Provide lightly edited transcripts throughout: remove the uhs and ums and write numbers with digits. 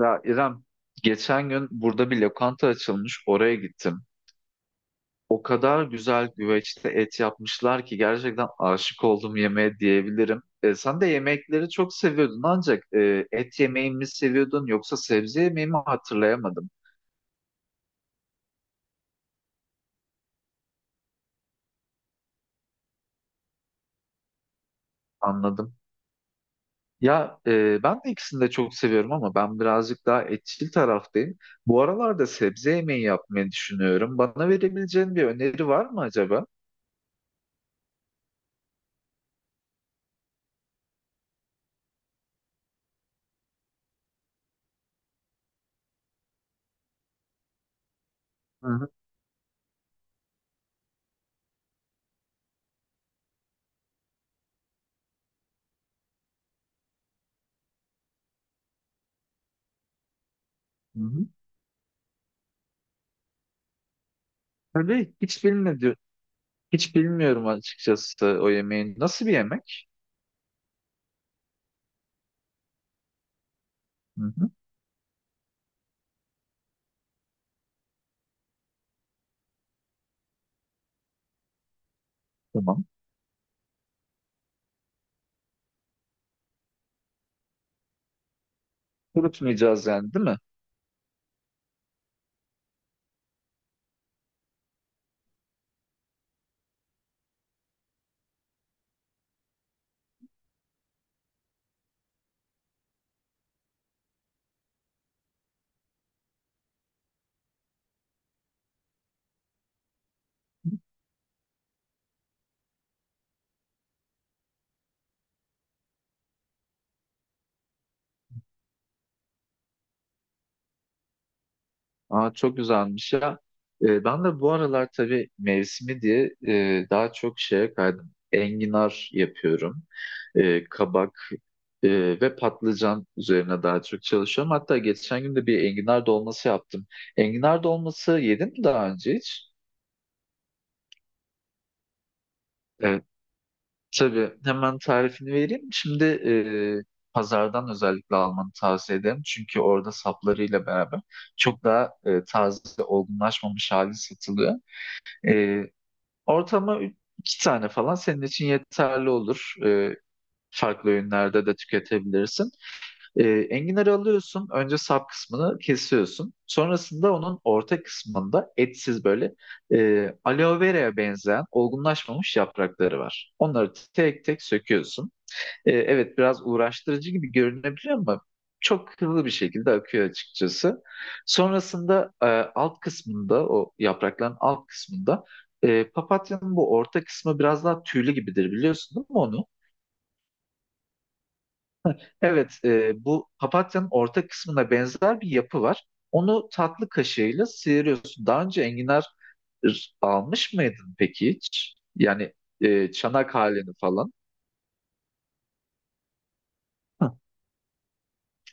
Ya İrem, geçen gün burada bir lokanta açılmış, oraya gittim. O kadar güzel güveçte et yapmışlar ki gerçekten aşık oldum yemeğe diyebilirim. Sen de yemekleri çok seviyordun ancak et yemeği mi seviyordun yoksa sebze yemeği mi hatırlayamadım, anladım. Ya, ben de ikisini de çok seviyorum ama ben birazcık daha etçil taraftayım. Bu aralarda sebze yemeği yapmayı düşünüyorum. Bana verebileceğin bir öneri var mı acaba? Hı hı. Hı hı. Tabii hiç bilmedi, Hiç bilmiyorum açıkçası o yemeğin. Nasıl bir yemek? Hı hı, tamam. Kurutmayacağız yani değil mi? Aa, çok güzelmiş ya. Ben de bu aralar tabii mevsimi diye daha çok şeye kaydım. Enginar yapıyorum. Kabak e, ve patlıcan üzerine daha çok çalışıyorum. Hatta geçen gün de bir enginar dolması yaptım. Enginar dolması yedim mi daha önce hiç? Tabii hemen tarifini vereyim. Şimdi e, pazardan özellikle almanı tavsiye ederim. Çünkü orada saplarıyla beraber çok daha taze, olgunlaşmamış hali satılıyor. E, Ortama iki tane falan senin için yeterli olur. Farklı öğünlerde de tüketebilirsin. Enginarı alıyorsun. Önce sap kısmını kesiyorsun. Sonrasında onun orta kısmında etsiz böyle aloe vera'ya benzeyen olgunlaşmamış yaprakları var. Onları tek tek söküyorsun. Evet, biraz uğraştırıcı gibi görünebiliyor ama çok hızlı bir şekilde akıyor açıkçası. Sonrasında, alt kısmında o yaprakların alt kısmında papatyanın bu orta kısmı biraz daha tüylü gibidir, biliyorsun değil mi onu? Evet, bu papatyanın orta kısmına benzer bir yapı var. Onu tatlı kaşığıyla sıyırıyorsun. Daha önce enginar almış mıydın peki hiç? Yani, çanak halini falan. Hı.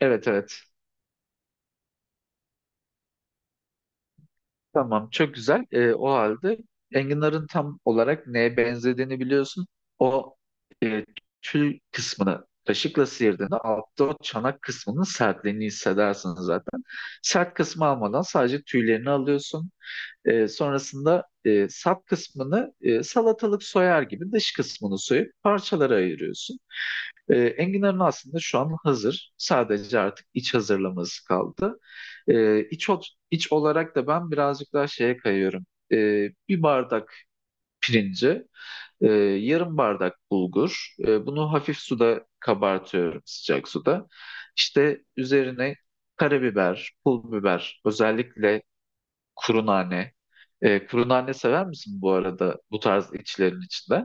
Evet, evet. Tamam, çok güzel. O halde enginarın tam olarak neye benzediğini biliyorsun. O tül kısmını kaşıkla sıyırdığında altta o çanak kısmının sertliğini hissedersin zaten. Sert kısmı almadan sadece tüylerini alıyorsun. Sonrasında, sap kısmını salatalık soyar gibi dış kısmını soyup parçalara ayırıyorsun. Enginarın aslında şu an hazır. Sadece artık iç hazırlaması kaldı. İç, ot- iç olarak da ben birazcık daha şeye kayıyorum. Bir bardak pirinci, e, yarım bardak bulgur. Bunu hafif suda kabartıyorum, sıcak suda. İşte üzerine karabiber, pul biber, özellikle kuru nane. Kuru nane sever misin bu arada bu tarz içlerin içinde?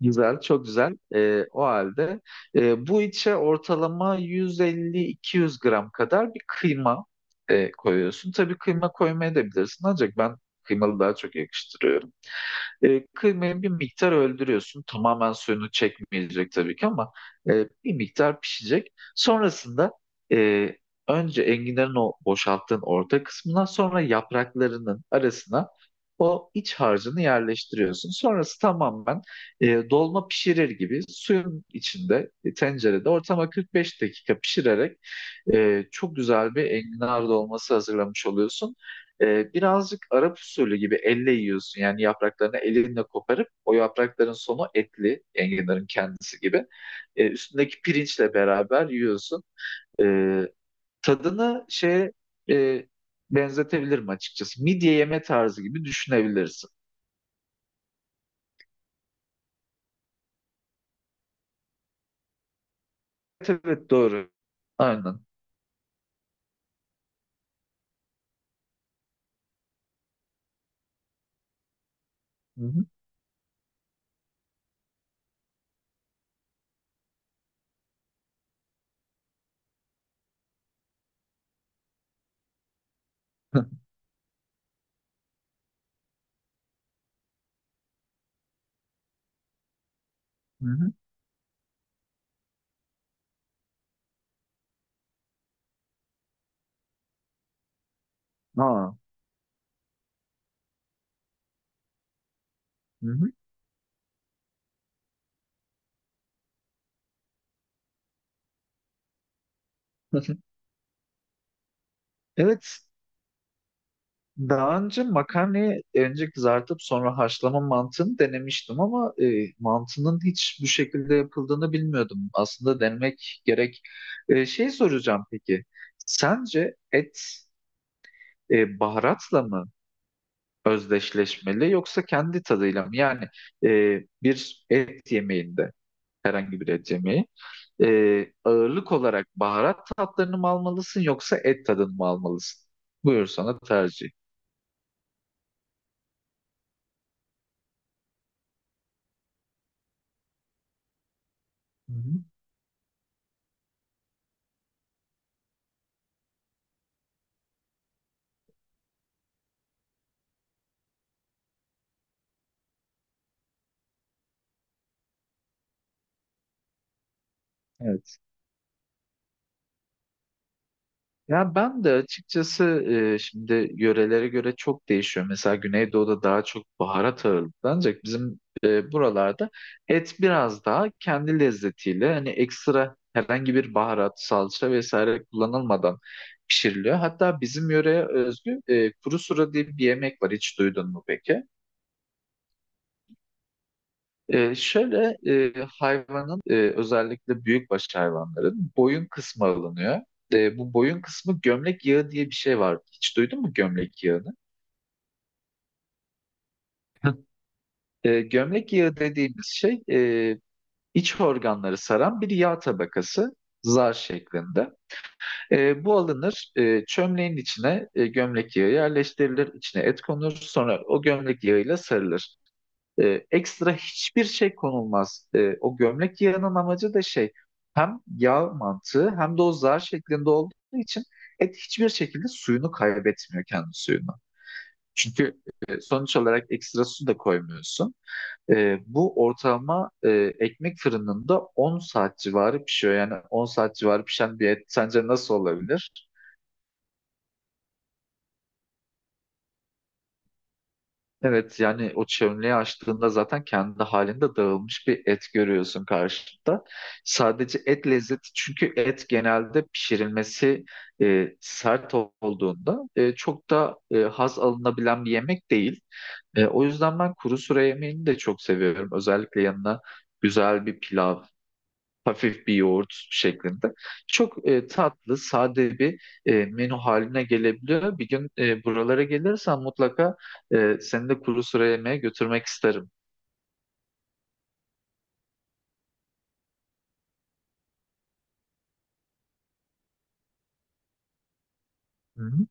Güzel, çok güzel. O halde, bu içe ortalama 150-200 gram kadar bir kıyma koyuyorsun. Tabii kıyma koymaya da bilirsin ancak ben kıymalı daha çok yakıştırıyorum. Kıymayı bir miktar öldürüyorsun. Tamamen suyunu çekmeyecek tabii ki ama e, bir miktar pişecek. Sonrasında e, önce enginlerin o boşalttığın orta kısmına sonra yapraklarının arasına o iç harcını yerleştiriyorsun. Sonrası tamamen dolma pişirir gibi suyun içinde, tencerede ortama 45 dakika pişirerek çok güzel bir enginar dolması hazırlamış oluyorsun. Birazcık Arap usulü gibi elle yiyorsun. Yani yapraklarını elinle koparıp o yaprakların sonu etli enginarın kendisi gibi. Üstündeki pirinçle beraber yiyorsun. E, Tadını şeye e, benzetebilirim açıkçası. Midye yeme tarzı gibi düşünebilirsin. Evet, evet, doğru. Aynen. Hı hı. Hı hı. Aa. Hı hı. Evet. Daha önce makarnayı önce kızartıp sonra haşlama mantığını denemiştim ama mantının hiç bu şekilde yapıldığını bilmiyordum. Aslında denemek gerek. Şey soracağım peki. Sence et baharatla mı özdeşleşmeli yoksa kendi tadıyla mı? Yani e, bir et yemeğinde, herhangi bir et yemeği, ağırlık olarak baharat tatlarını mı almalısın yoksa et tadını mı almalısın? Buyur sana tercih. Hı hı. Evet. Ya, ben de açıkçası, şimdi yörelere göre çok değişiyor. Mesela Güneydoğu'da daha çok baharat ağırlıklı ancak bizim buralarda et biraz daha kendi lezzetiyle, hani ekstra herhangi bir baharat, salça vesaire kullanılmadan pişiriliyor. Hatta bizim yöreye özgü kuru sura diye bir yemek var. Hiç duydun mu peki? Şöyle, hayvanın, özellikle büyükbaş hayvanların boyun kısmı alınıyor. Bu boyun kısmı, gömlek yağı diye bir şey var. Hiç duydun mu gömlek yağını? Gömlek yağı dediğimiz şey, iç organları saran bir yağ tabakası, zar şeklinde. Bu alınır, çömleğin içine gömlek yağı yerleştirilir, içine et konur sonra o gömlek yağıyla sarılır. Ekstra hiçbir şey konulmaz. O gömlek yağının amacı da şey, hem yağ mantığı hem de o zar şeklinde olduğu için et hiçbir şekilde suyunu kaybetmiyor, kendi suyunu. Çünkü sonuç olarak ekstra su da koymuyorsun. Bu ortalama, ekmek fırınında 10 saat civarı pişiyor. Yani 10 saat civarı pişen bir et sence nasıl olabilir? Evet, yani o çömleği açtığında zaten kendi halinde dağılmış bir et görüyorsun karşında. Sadece et lezzeti, çünkü et genelde pişirilmesi sert olduğunda çok da haz alınabilen bir yemek değil. O yüzden ben kuru sura yemeğini de çok seviyorum. Özellikle yanına güzel bir pilav, hafif bir yoğurt şeklinde. Çok tatlı, sade bir menü haline gelebiliyor. Bir gün, buralara gelirsen mutlaka seni de kuru sıra yemeğe götürmek isterim. Hı hı.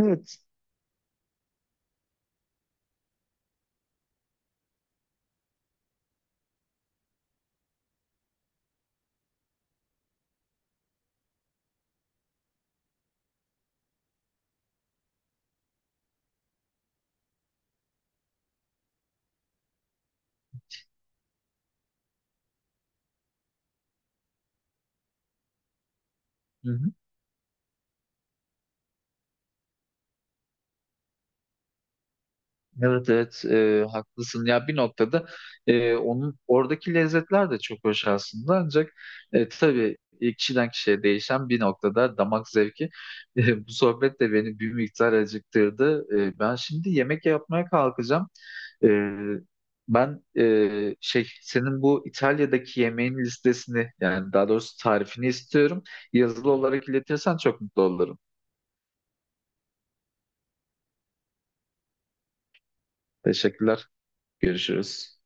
Evet. Hı hı. Evet, evet, haklısın ya, bir noktada onun oradaki lezzetler de çok hoş aslında, ancak tabii, kişiden kişiye değişen bir noktada damak zevki. Bu sohbet de beni bir miktar acıktırdı. Ben şimdi yemek yapmaya kalkacağım. Ee, ben senin bu İtalya'daki yemeğin listesini, yani daha doğrusu tarifini istiyorum. Yazılı olarak iletirsen çok mutlu olurum. Teşekkürler. Görüşürüz.